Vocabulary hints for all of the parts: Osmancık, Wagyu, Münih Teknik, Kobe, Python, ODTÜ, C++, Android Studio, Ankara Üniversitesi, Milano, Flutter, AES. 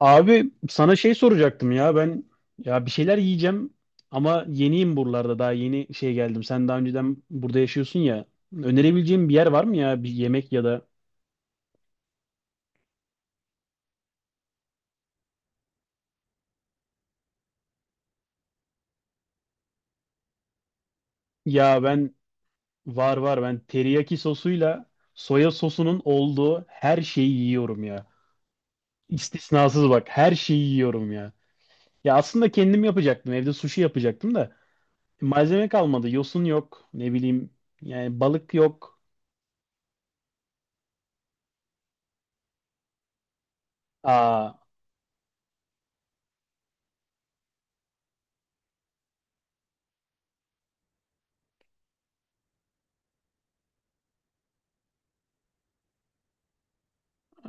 Abi sana şey soracaktım ya ben, ya bir şeyler yiyeceğim ama yeniyim buralarda, daha yeni şey geldim. Sen daha önceden burada yaşıyorsun ya. Önerebileceğim bir yer var mı, ya bir yemek ya da ya ben var var, ben teriyaki sosuyla soya sosunun olduğu her şeyi yiyorum ya. İstisnasız, bak, her şeyi yiyorum ya. Ya aslında kendim yapacaktım, evde sushi yapacaktım da malzeme kalmadı, yosun yok, ne bileyim, yani balık yok. Aa.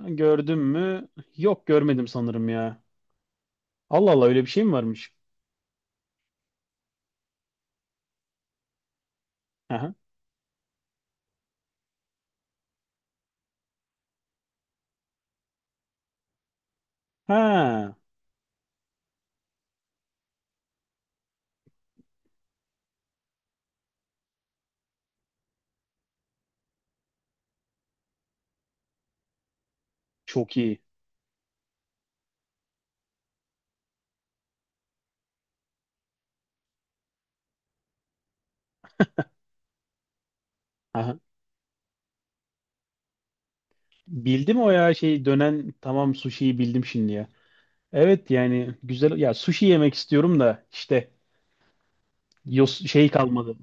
Gördüm mü? Yok, görmedim sanırım ya. Allah Allah, öyle bir şey mi varmış? Aha. Ha, çok iyi. Aha. Bildim, o ya şey, dönen, tamam, sushi'yi bildim şimdi ya. Evet, yani güzel ya, sushi yemek istiyorum da işte şey kalmadı.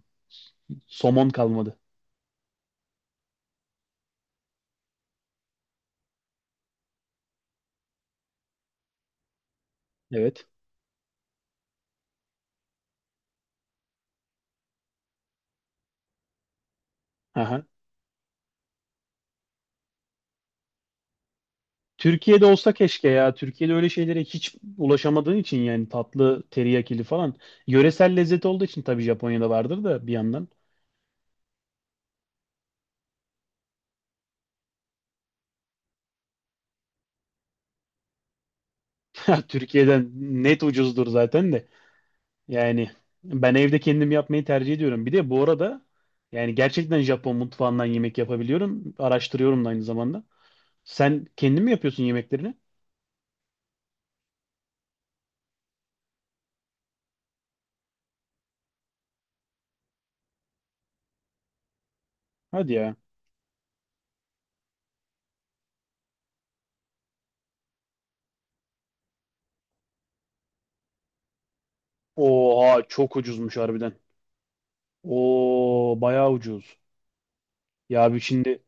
Somon kalmadı. Evet. Aha. Türkiye'de olsa keşke ya. Türkiye'de öyle şeylere hiç ulaşamadığın için yani, tatlı teriyakili falan. Yöresel lezzet olduğu için tabii Japonya'da vardır da bir yandan. Türkiye'den net ucuzdur zaten de. Yani ben evde kendim yapmayı tercih ediyorum. Bir de bu arada yani gerçekten Japon mutfağından yemek yapabiliyorum. Araştırıyorum da aynı zamanda. Sen kendin mi yapıyorsun yemeklerini? Hadi ya. Oha, çok ucuzmuş harbiden. Oo, bayağı ucuz. Ya abi şimdi,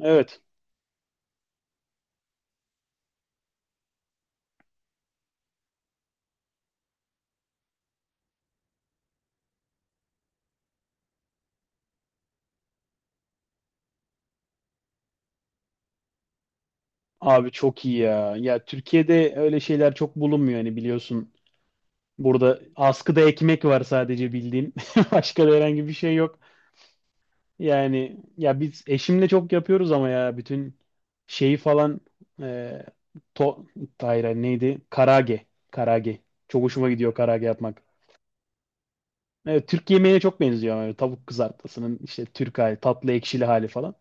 evet abi çok iyi ya. Ya Türkiye'de öyle şeyler çok bulunmuyor hani, biliyorsun. Burada askıda ekmek var sadece, bildiğin. Başka da herhangi bir şey yok. Yani ya biz eşimle çok yapıyoruz ama ya bütün şeyi falan, e, to hayır, hayır, neydi? Karage. Karage. Çok hoşuma gidiyor karage yapmak. Evet, Türk yemeğine çok benziyor. Yani tavuk kızartmasının işte Türk hali, tatlı ekşili hali falan.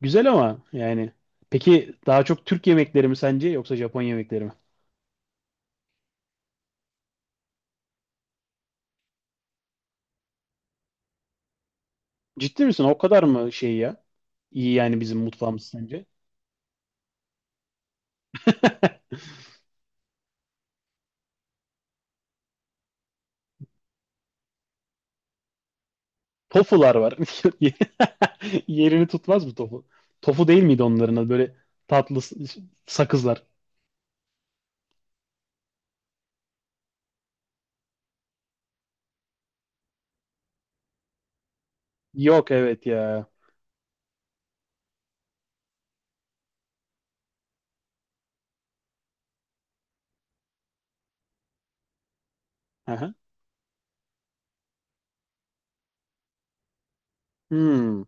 Güzel ama yani. Peki, daha çok Türk yemekleri mi sence yoksa Japon yemekleri mi? Ciddi misin? O kadar mı şey ya? İyi yani, bizim mutfağımız sence? Tofular var. Yerini tutmaz mı tofu? Tofu değil miydi onların adı? Böyle tatlı sakızlar. Yok, evet ya. Aha. Hmm.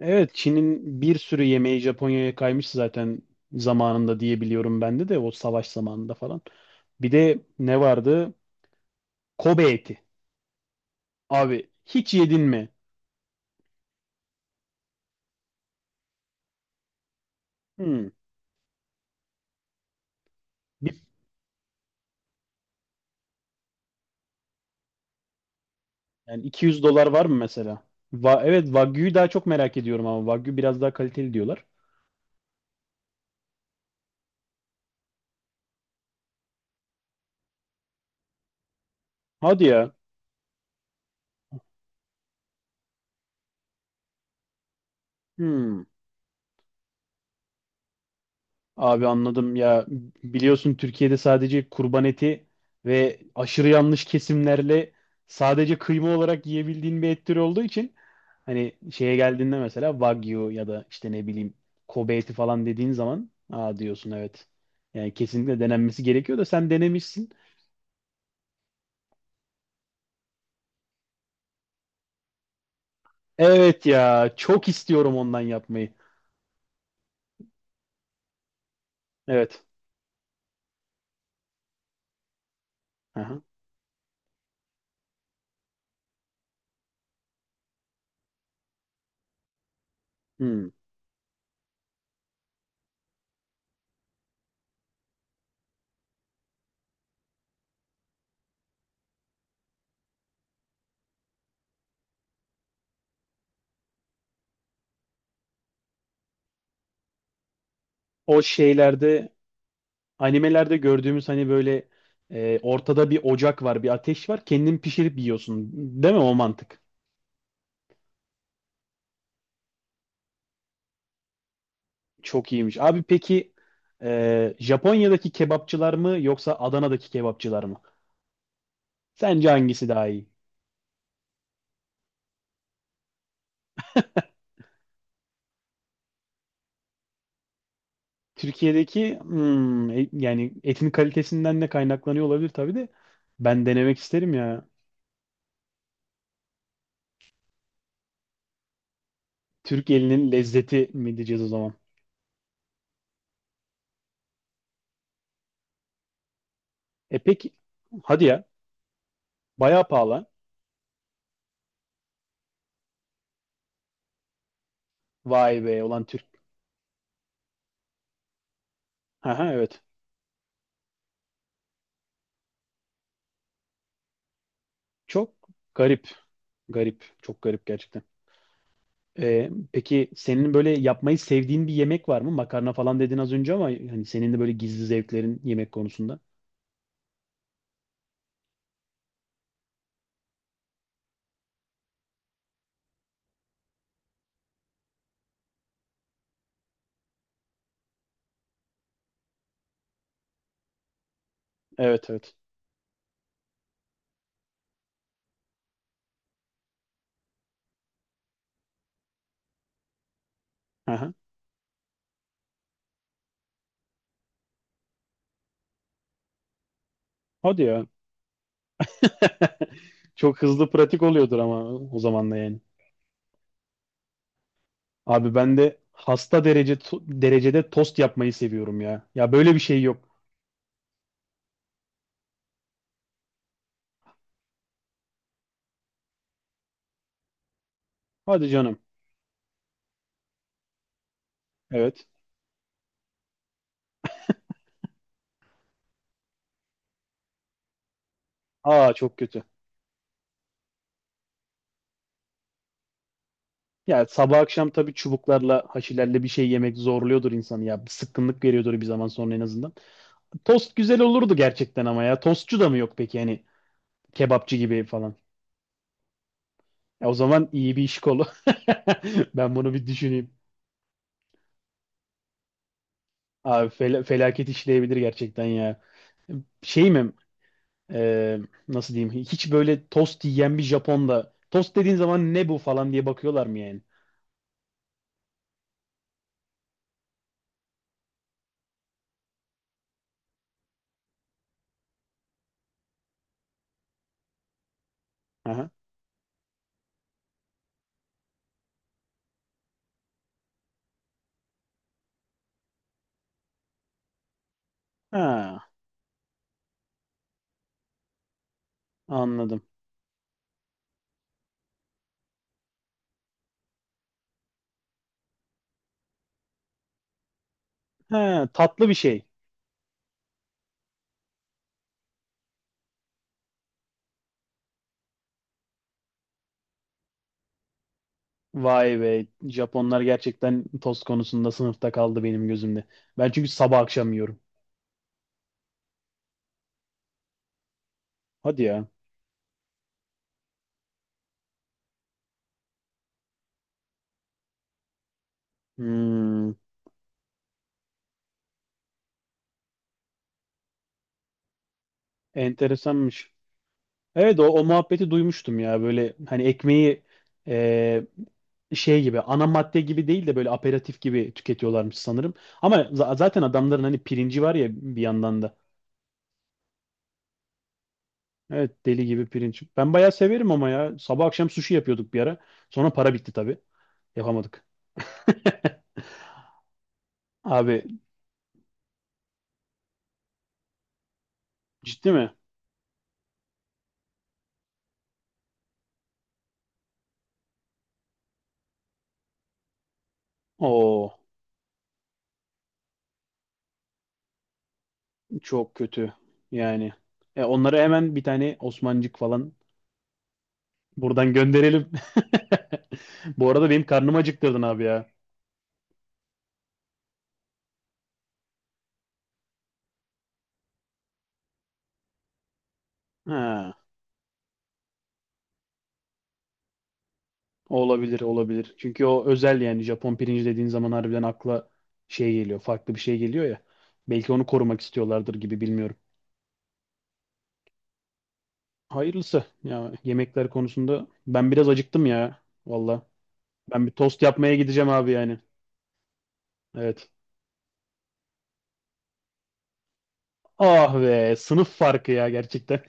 Evet, Çin'in bir sürü yemeği Japonya'ya kaymış zaten zamanında diye biliyorum, ben de o savaş zamanında falan. Bir de ne vardı? Kobe eti. Abi hiç yedin mi? Hmm. Bir- Yani 200 dolar var mı mesela? Evet, Wagyu'yu daha çok merak ediyorum ama Wagyu biraz daha kaliteli diyorlar. Hadi ya. Hmm. Abi anladım ya, biliyorsun Türkiye'de sadece kurban eti ve aşırı yanlış kesimlerle sadece kıyma olarak yiyebildiğin bir et türü olduğu için hani şeye geldiğinde mesela Wagyu ya da işte ne bileyim Kobe eti falan dediğin zaman aa diyorsun, evet. Yani kesinlikle denenmesi gerekiyor da sen denemişsin. Evet, ya çok istiyorum ondan yapmayı. Evet. Aha. Hmm. O şeylerde, animelerde gördüğümüz hani böyle, ortada bir ocak var, bir ateş var. Kendin pişirip yiyorsun. Değil mi o mantık? Çok iyiymiş. Abi peki, Japonya'daki kebapçılar mı yoksa Adana'daki kebapçılar mı? Sence hangisi daha iyi? Türkiye'deki, hmm, yani etin kalitesinden de kaynaklanıyor olabilir tabii de ben denemek isterim ya. Türk elinin lezzeti mi diyeceğiz o zaman? E peki, hadi ya, bayağı pahalı. Vay be, olan Türk. Aha, evet. Çok garip. Garip. Çok garip gerçekten. Peki senin böyle yapmayı sevdiğin bir yemek var mı? Makarna falan dedin az önce ama hani senin de böyle gizli zevklerin yemek konusunda. Evet, evet. Aha. Hadi ya. Çok hızlı, pratik oluyordur ama o zaman da yani. Abi ben de hasta derece derecede tost yapmayı seviyorum ya. Ya böyle bir şey yok. Hadi canım. Evet. Aa, çok kötü. Ya sabah akşam tabii çubuklarla, haşilerle bir şey yemek zorluyordur insanı ya. Bir sıkkınlık veriyordur bir zaman sonra, en azından. Tost güzel olurdu gerçekten ama ya. Tostçu da mı yok peki, hani kebapçı gibi falan? Ya o zaman iyi bir iş kolu. Ben bunu bir düşüneyim. Abi felaket işleyebilir gerçekten ya. Şey mi? Ee, Nasıl diyeyim? Hiç böyle tost yiyen bir Japon'da tost dediğin zaman ne bu falan diye bakıyorlar mı yani? Aha. Ha, anladım. He, tatlı bir şey. Vay be. Japonlar gerçekten tost konusunda sınıfta kaldı benim gözümde. Ben çünkü sabah akşam yiyorum. Hadi ya. Hmm, enteresanmış. Evet, o muhabbeti duymuştum ya. Böyle hani ekmeği, e, şey gibi, ana madde gibi değil de böyle aperatif gibi tüketiyorlarmış sanırım. Ama zaten adamların hani pirinci var ya bir yandan da. Evet, deli gibi pirinç. Ben bayağı severim ama ya. Sabah akşam sushi yapıyorduk bir ara. Sonra para bitti tabii. Yapamadık. Abi ciddi mi? Oo, çok kötü. Yani, onlara hemen bir tane Osmancık falan buradan gönderelim. Bu arada benim karnım acıktırdın abi ya. Ha, olabilir, olabilir. Çünkü o özel yani, Japon pirinci dediğin zaman harbiden akla şey geliyor, farklı bir şey geliyor ya. Belki onu korumak istiyorlardır gibi, bilmiyorum. Hayırlısı. Ya yemekler konusunda ben biraz acıktım ya. Valla. Ben bir tost yapmaya gideceğim abi yani. Evet. Ah be, sınıf farkı ya gerçekten.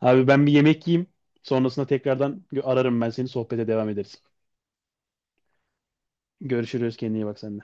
Abi ben bir yemek yiyeyim. Sonrasında tekrardan ararım ben seni, sohbete devam ederiz. Görüşürüz, kendine iyi bak sen de.